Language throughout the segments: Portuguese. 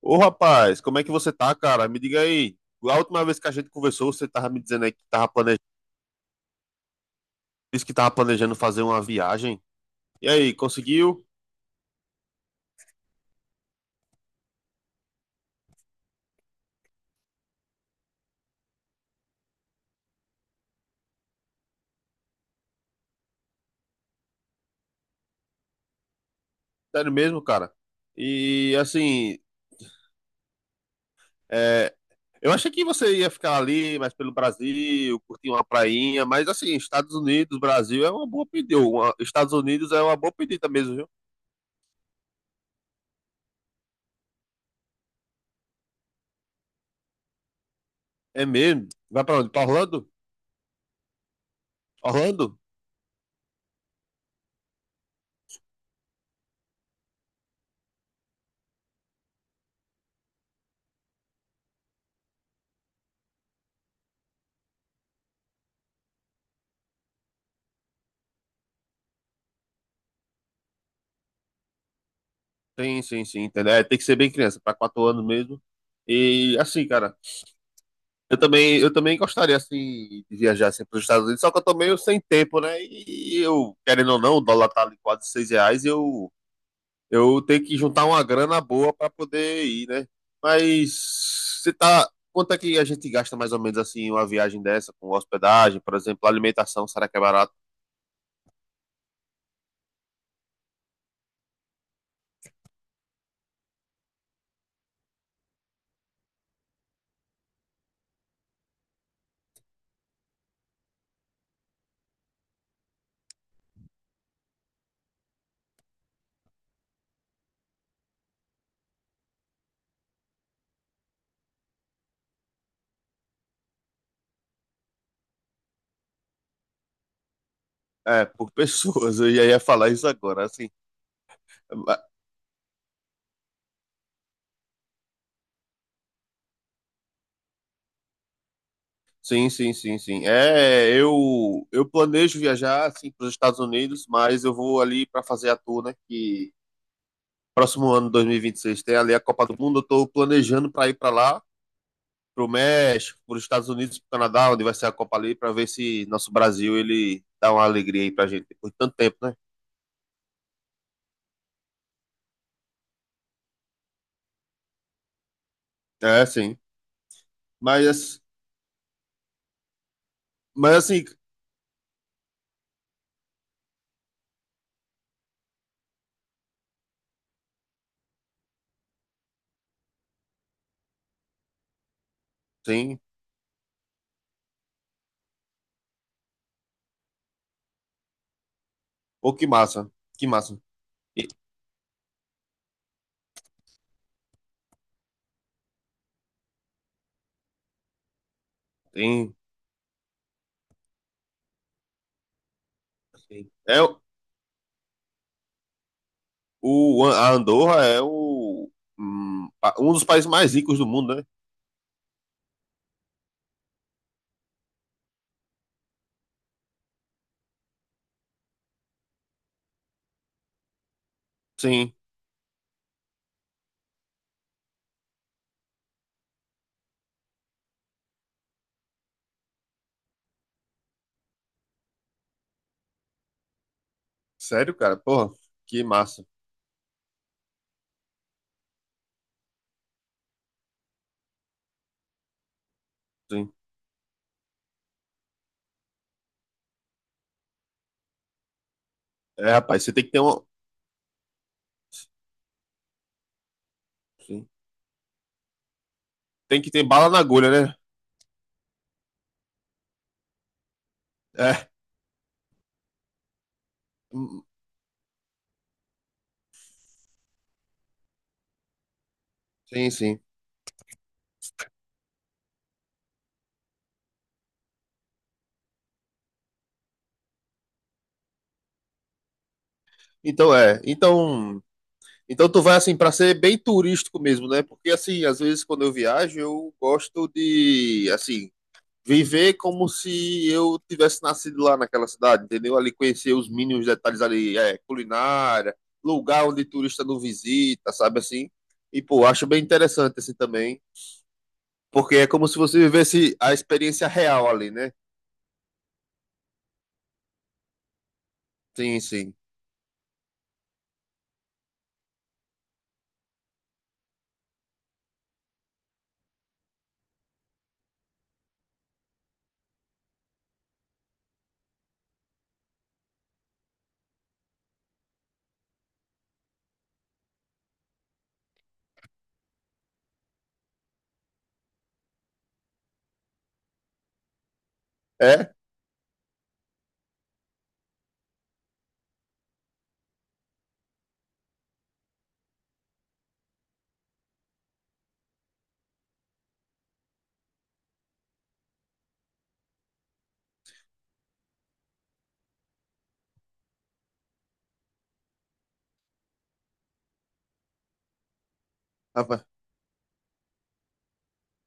Ô rapaz, como é que você tá, cara? Me diga aí. A última vez que a gente conversou, você tava me dizendo aí que tava planejando, disse que tava planejando fazer uma viagem. E aí, conseguiu? Sério mesmo, cara? E assim, é, eu achei que você ia ficar ali, mas pelo Brasil, curtir uma prainha, mas assim, Estados Unidos, Brasil é uma boa pedida. Estados Unidos é uma boa pedida mesmo, viu? É mesmo. Vai pra onde? Pra Orlando? Orlando? Sim, sim, sim, entendeu? É, tem que ser bem criança, pra 4 anos mesmo. E assim, cara. Eu também gostaria assim de viajar assim, para os Estados Unidos, só que eu tô meio sem tempo, né? E eu, querendo ou não, o dólar tá ali quase 6 reais, eu tenho que juntar uma grana boa para poder ir, né? Mas você tá. Quanto é que a gente gasta mais ou menos assim uma viagem dessa, com hospedagem, por exemplo, alimentação, será que é barato? É, por pessoas, eu ia falar isso agora, assim. Ma- Sim, sim, sim, sim. É, eu planejo viajar assim para os Estados Unidos, mas eu vou ali para fazer a tour, né, que próximo ano, 2026, tem ali a Copa do Mundo. Eu tô planejando para ir para lá, pro México, pros Estados Unidos, pro Canadá, onde vai ser a Copa ali, para ver se nosso Brasil ele dá uma alegria aí pra gente depois de tanto tempo, né? É, sim. Mas, ass- mas assim, sim. Pô, que massa. Que massa. E tem. Assim, a Andorra é o um dos países mais ricos do mundo, né? Sim. Sério, cara? Porra, que massa. Sim. É, rapaz, você tem que ter uma. Sim. Tem que ter bala na agulha, né? É, hum, sim, sim. Então é, então, então tu vai assim para ser bem turístico mesmo, né? Porque assim, às vezes quando eu viajo, eu gosto de assim, viver como se eu tivesse nascido lá naquela cidade, entendeu? Ali conhecer os mínimos detalhes ali, culinária, lugar onde turista não visita, sabe assim? E pô, acho bem interessante assim também, porque é como se você vivesse a experiência real ali, né? Sim, sim. É?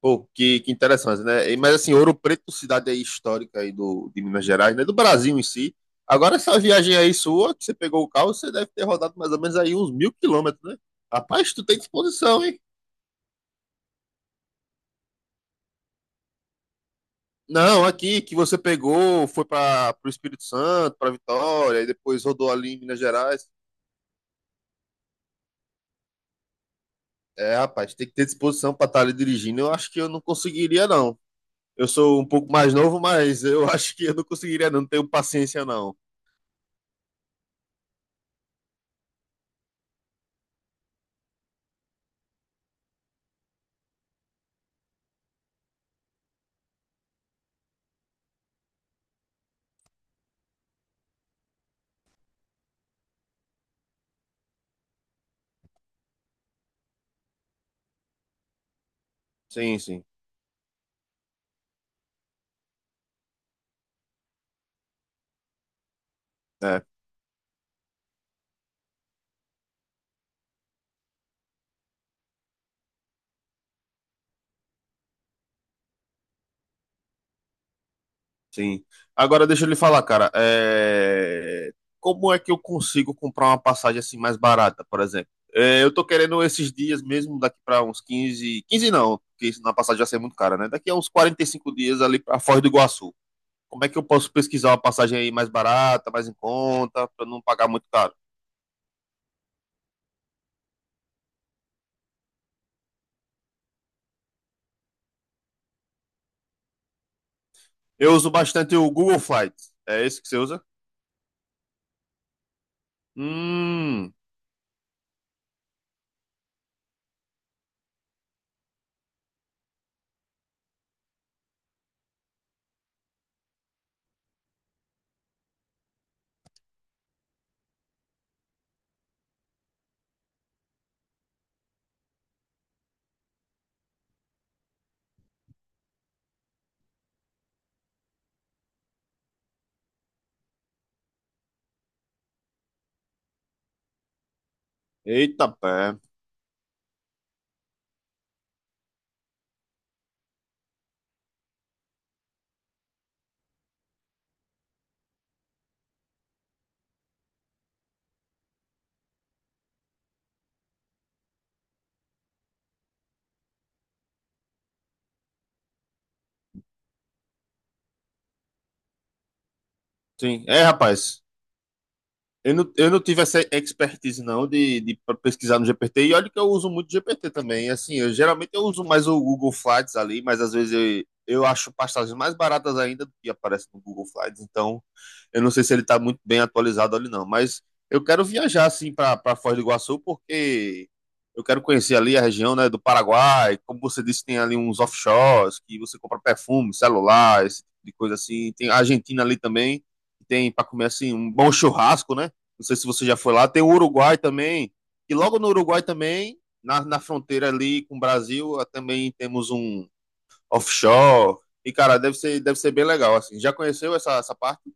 Pô, que interessante, né? Mas assim, Ouro Preto, cidade aí histórica aí do, de Minas Gerais, né? Do Brasil em si. Agora, essa viagem aí sua, que você pegou o carro, você deve ter rodado mais ou menos aí uns 1.000 quilômetros, né? Rapaz, tu tem disposição, hein? Não, aqui que você pegou, foi para o Espírito Santo, para Vitória, e depois rodou ali em Minas Gerais. É, rapaz, tem que ter disposição para estar ali dirigindo. Eu acho que eu não conseguiria, não. Eu sou um pouco mais novo, mas eu acho que eu não conseguiria, não. Não tenho paciência, não. Sim, sim. É. Sim. Agora deixa eu lhe falar, cara. Como é que eu consigo comprar uma passagem assim mais barata, por exemplo? É, eu tô querendo esses dias mesmo, daqui para uns 15, 15 não, porque isso na passagem já ser muito cara, né? Daqui a uns 45 dias ali para Foz do Iguaçu. Como é que eu posso pesquisar uma passagem aí mais barata, mais em conta, para não pagar muito caro? Eu uso bastante o Google Flights. É esse que você usa? Hum. Eita pé. Sim. É, rapaz. Eu não tive essa expertise não de pra pesquisar no GPT, e olha que eu uso muito GPT também. Assim, eu geralmente eu uso mais o Google Slides ali, mas às vezes eu acho pastagens mais baratas ainda do que aparece no Google Slides. Então, eu não sei se ele está muito bem atualizado ali não, mas eu quero viajar assim para Foz do Iguaçu porque eu quero conhecer ali a região, né, do Paraguai. Como você disse, tem ali uns offshores que você compra perfume, celular, esse tipo de coisa assim. Tem a Argentina ali também, que tem para comer assim um bom churrasco, né? Não sei se você já foi lá. Tem o Uruguai também. E logo no Uruguai também, na fronteira ali com o Brasil, ah, também temos um offshore. E, cara, deve ser bem legal, assim. Já conheceu essa, essa parte?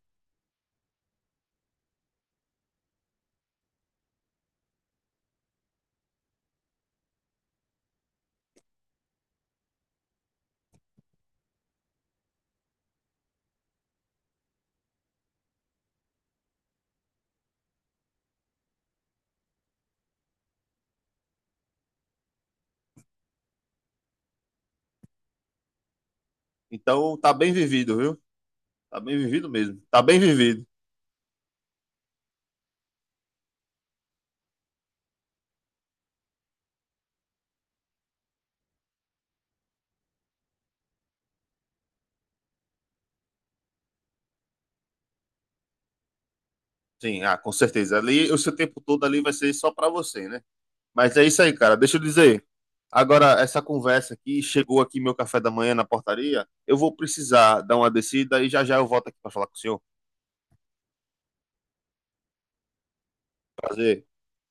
Então, tá bem vivido, viu? Tá bem vivido mesmo. Tá bem vivido. Sim, ah, com certeza. Ali, o seu tempo todo ali vai ser só pra você, né? Mas é isso aí, cara. Deixa eu dizer. Agora, essa conversa aqui, chegou aqui meu café da manhã na portaria. Eu vou precisar dar uma descida e já já eu volto aqui pra falar com o senhor. Prazer.